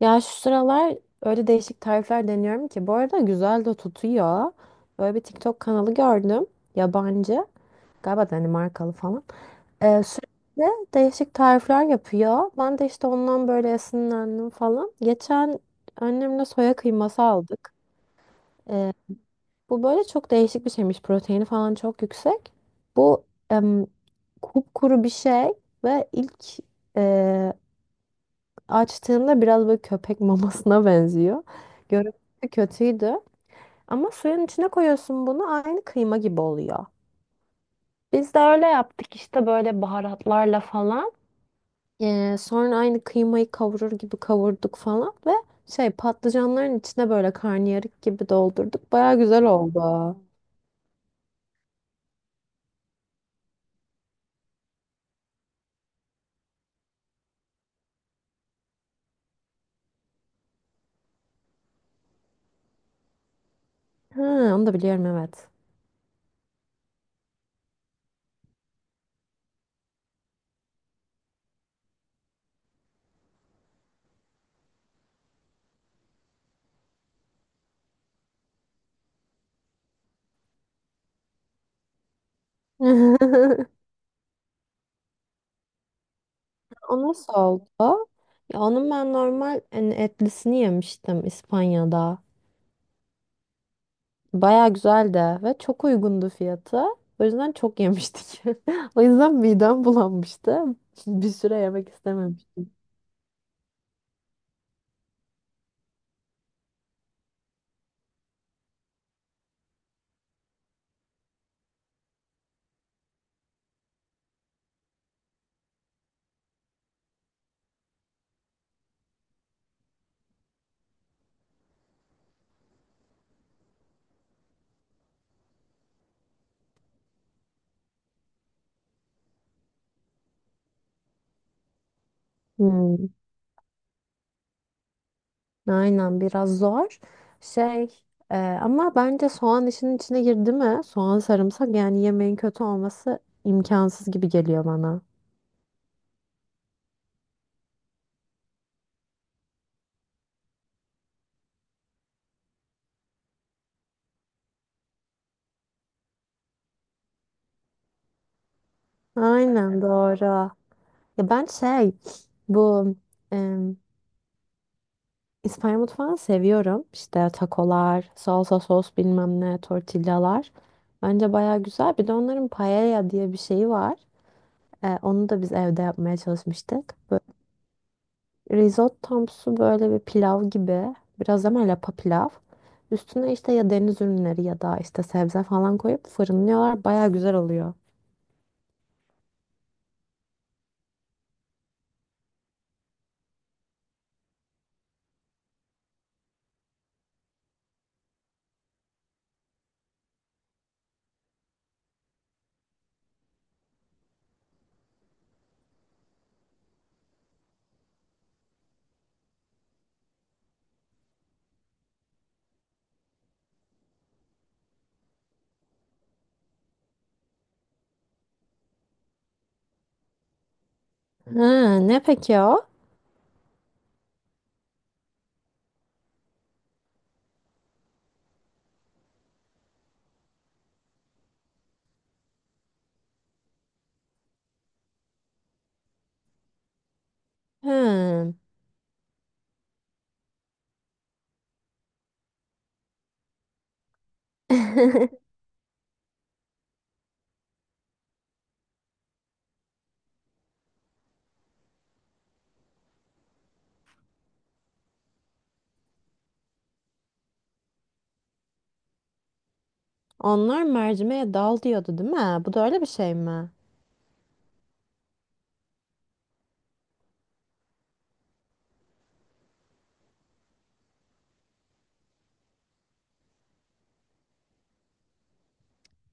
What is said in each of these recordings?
Ya şu sıralar öyle değişik tarifler deniyorum ki bu arada güzel de tutuyor. Böyle bir TikTok kanalı gördüm. Yabancı. Galiba Danimarkalı falan. Sürekli değişik tarifler yapıyor. Ben de işte ondan böyle esinlendim falan. Geçen annemle soya kıyması aldık. Ee, bu böyle çok değişik bir şeymiş. Proteini falan çok yüksek. Bu em, kupkuru bir şey ve ilk e, açtığımda biraz böyle köpek mamasına benziyor. Görüntüsü kötüydü. Ama suyun içine koyuyorsun bunu aynı kıyma gibi oluyor. Biz de öyle yaptık işte böyle baharatlarla falan. Sonra aynı kıymayı kavurur gibi kavurduk falan ve şey patlıcanların içine böyle karnıyarık gibi doldurduk. Baya güzel oldu. Ha, onu da biliyorum evet. O nasıl oldu? Ya onun ben normal hani, etlisini yemiştim İspanya'da. Baya güzeldi ve çok uygundu fiyatı. O yüzden çok yemiştik. O yüzden midem bulanmıştı. Bir süre yemek istememiştim. Hmm, aynen biraz zor. Şey ama bence soğan işinin içine girdi mi? Soğan sarımsak yani yemeğin kötü olması imkansız gibi geliyor bana. Aynen doğru. Ya ben şey bu İspanya mutfağını seviyorum. İşte takolar, salsa sos bilmem ne, tortillalar. Bence baya güzel. Bir de onların paella diye bir şeyi var. Onu da biz evde yapmaya çalışmıştık. Böyle risottomsu böyle bir pilav gibi. Biraz ama lapa pilav. Üstüne işte ya deniz ürünleri ya da işte sebze falan koyup fırınlıyorlar. Baya güzel oluyor. Ha, ne peki o? Ha. Onlar mercimeğe dal diyordu değil mi? Bu da öyle bir şey mi?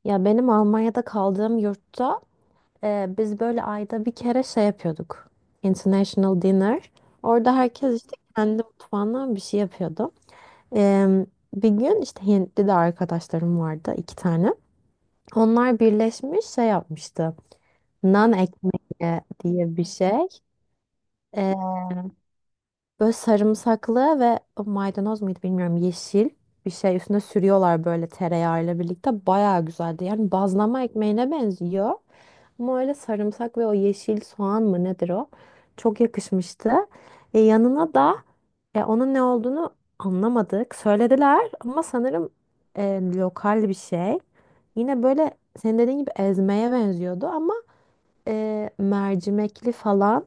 Ya benim Almanya'da kaldığım yurtta biz böyle ayda bir kere şey yapıyorduk. International Dinner. Orada herkes işte kendi mutfağından bir şey yapıyordu. E, bir gün işte Hintli de arkadaşlarım vardı iki tane. Onlar birleşmiş şey yapmıştı. Nan ekmeği diye bir şey. Böyle sarımsaklı ve maydanoz muydu bilmiyorum yeşil bir şey üstüne sürüyorlar böyle tereyağıyla birlikte. Bayağı güzeldi. Yani bazlama ekmeğine benziyor. Ama öyle sarımsak ve o yeşil soğan mı nedir o? Çok yakışmıştı. Yanına da onun ne olduğunu anlamadık. Söylediler ama sanırım lokal bir şey. Yine böyle senin dediğin gibi ezmeye benziyordu ama mercimekli falan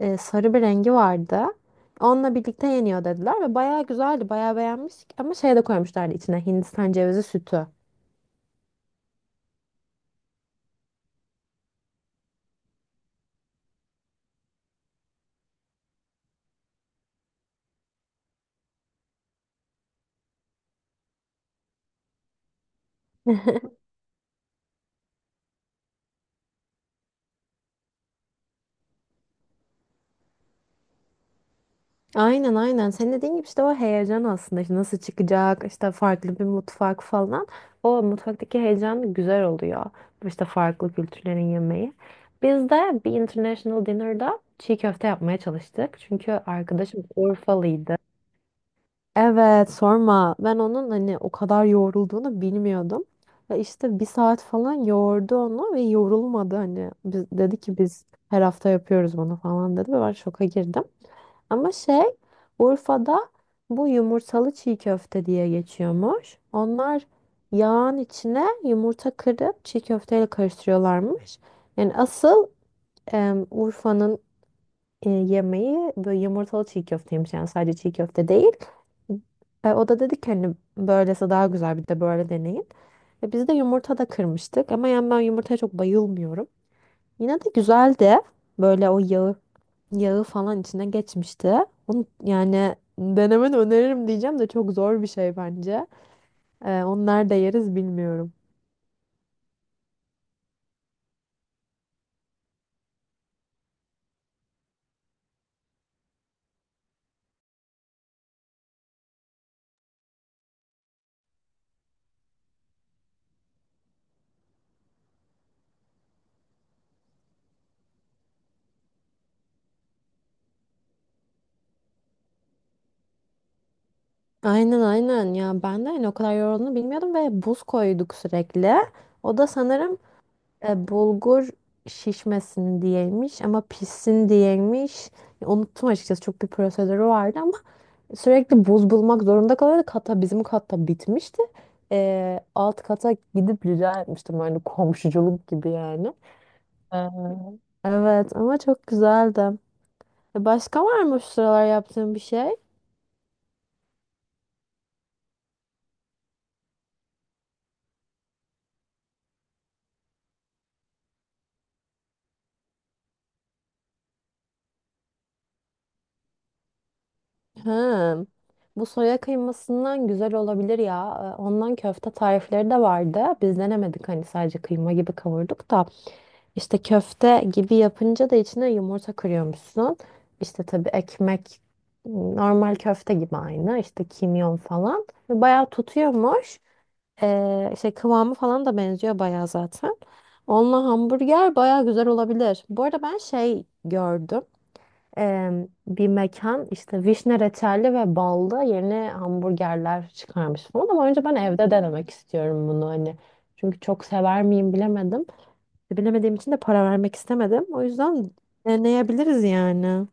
sarı bir rengi vardı. Onunla birlikte yeniyor dediler ve bayağı güzeldi. Bayağı beğenmiştik ama şey de koymuşlardı içine Hindistan cevizi sütü. Aynen aynen. Senin dediğin gibi işte o heyecan aslında. İşte nasıl çıkacak, işte farklı bir mutfak falan. O mutfaktaki heyecan güzel oluyor. İşte farklı kültürlerin yemeği. Biz de bir international dinner'da çiğ köfte yapmaya çalıştık. Çünkü arkadaşım Urfalıydı. Evet sorma. Ben onun hani o kadar yoğrulduğunu bilmiyordum. Ve işte bir saat falan yoğurdu onu ve yorulmadı hani. Biz, dedi ki biz her hafta yapıyoruz bunu falan dedi ve ben şoka girdim. Ama şey Urfa'da bu yumurtalı çiğ köfte diye geçiyormuş. Onlar yağın içine yumurta kırıp çiğ köfteyle karıştırıyorlarmış. Yani asıl Urfa'nın yemeği böyle yumurtalı çiğ köfteymiş yani sadece çiğ köfte değil. O da dedi ki hani böylesi daha güzel bir de böyle deneyin. Biz de yumurta da kırmıştık ama yani ben yumurtaya çok bayılmıyorum. Yine de güzeldi. Böyle o yağı yağı falan içine geçmişti. Onu, yani denemeni öneririm diyeceğim de çok zor bir şey bence. Onu nerede yeriz bilmiyorum. Aynen aynen ya ben de hani o kadar yorulduğunu bilmiyordum ve buz koyduk sürekli. O da sanırım bulgur şişmesin diyeymiş ama pişsin diyeymiş. Ya, unuttum açıkçası çok bir prosedürü vardı ama sürekli buz bulmak zorunda kalıyordu. Hatta bizim katta bitmişti. Alt kata gidip rica etmiştim hani komşuculuk gibi yani. Ee, Evet ama çok güzeldi. Başka var mı şu sıralar yaptığın bir şey? Ha. Bu soya kıymasından güzel olabilir ya. Ondan köfte tarifleri de vardı. Biz denemedik hani sadece kıyma gibi kavurduk da. İşte köfte gibi yapınca da içine yumurta kırıyormuşsun. İşte tabii ekmek normal köfte gibi aynı. İşte kimyon falan. Ve bayağı tutuyormuş. Şey kıvamı falan da benziyor bayağı zaten. Onunla hamburger bayağı güzel olabilir. Bu arada ben şey gördüm. Ee, bir mekan işte vişne reçelli ve ballı yeni hamburgerler çıkarmış falan. Ama önce ben evde denemek istiyorum bunu hani. Çünkü çok sever miyim bilemedim. Bilemediğim için de para vermek istemedim. O yüzden deneyebiliriz yani.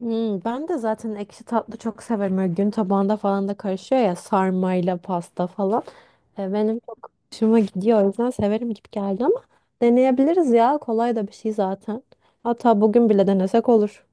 Hmm, ben de zaten ekşi tatlı çok severim. Böyle gün tabağında falan da karışıyor ya sarmayla pasta falan. Benim çok hoşuma gidiyor. O yüzden severim gibi geldi ama deneyebiliriz ya. Kolay da bir şey zaten. Hatta bugün bile denesek olur.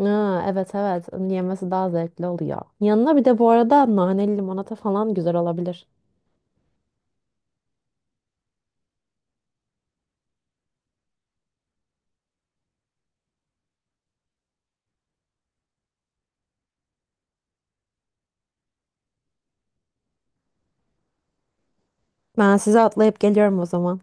Ha, evet evet. Onun yemesi daha zevkli oluyor. Yanına bir de bu arada naneli limonata falan güzel olabilir. Ben size atlayıp geliyorum o zaman.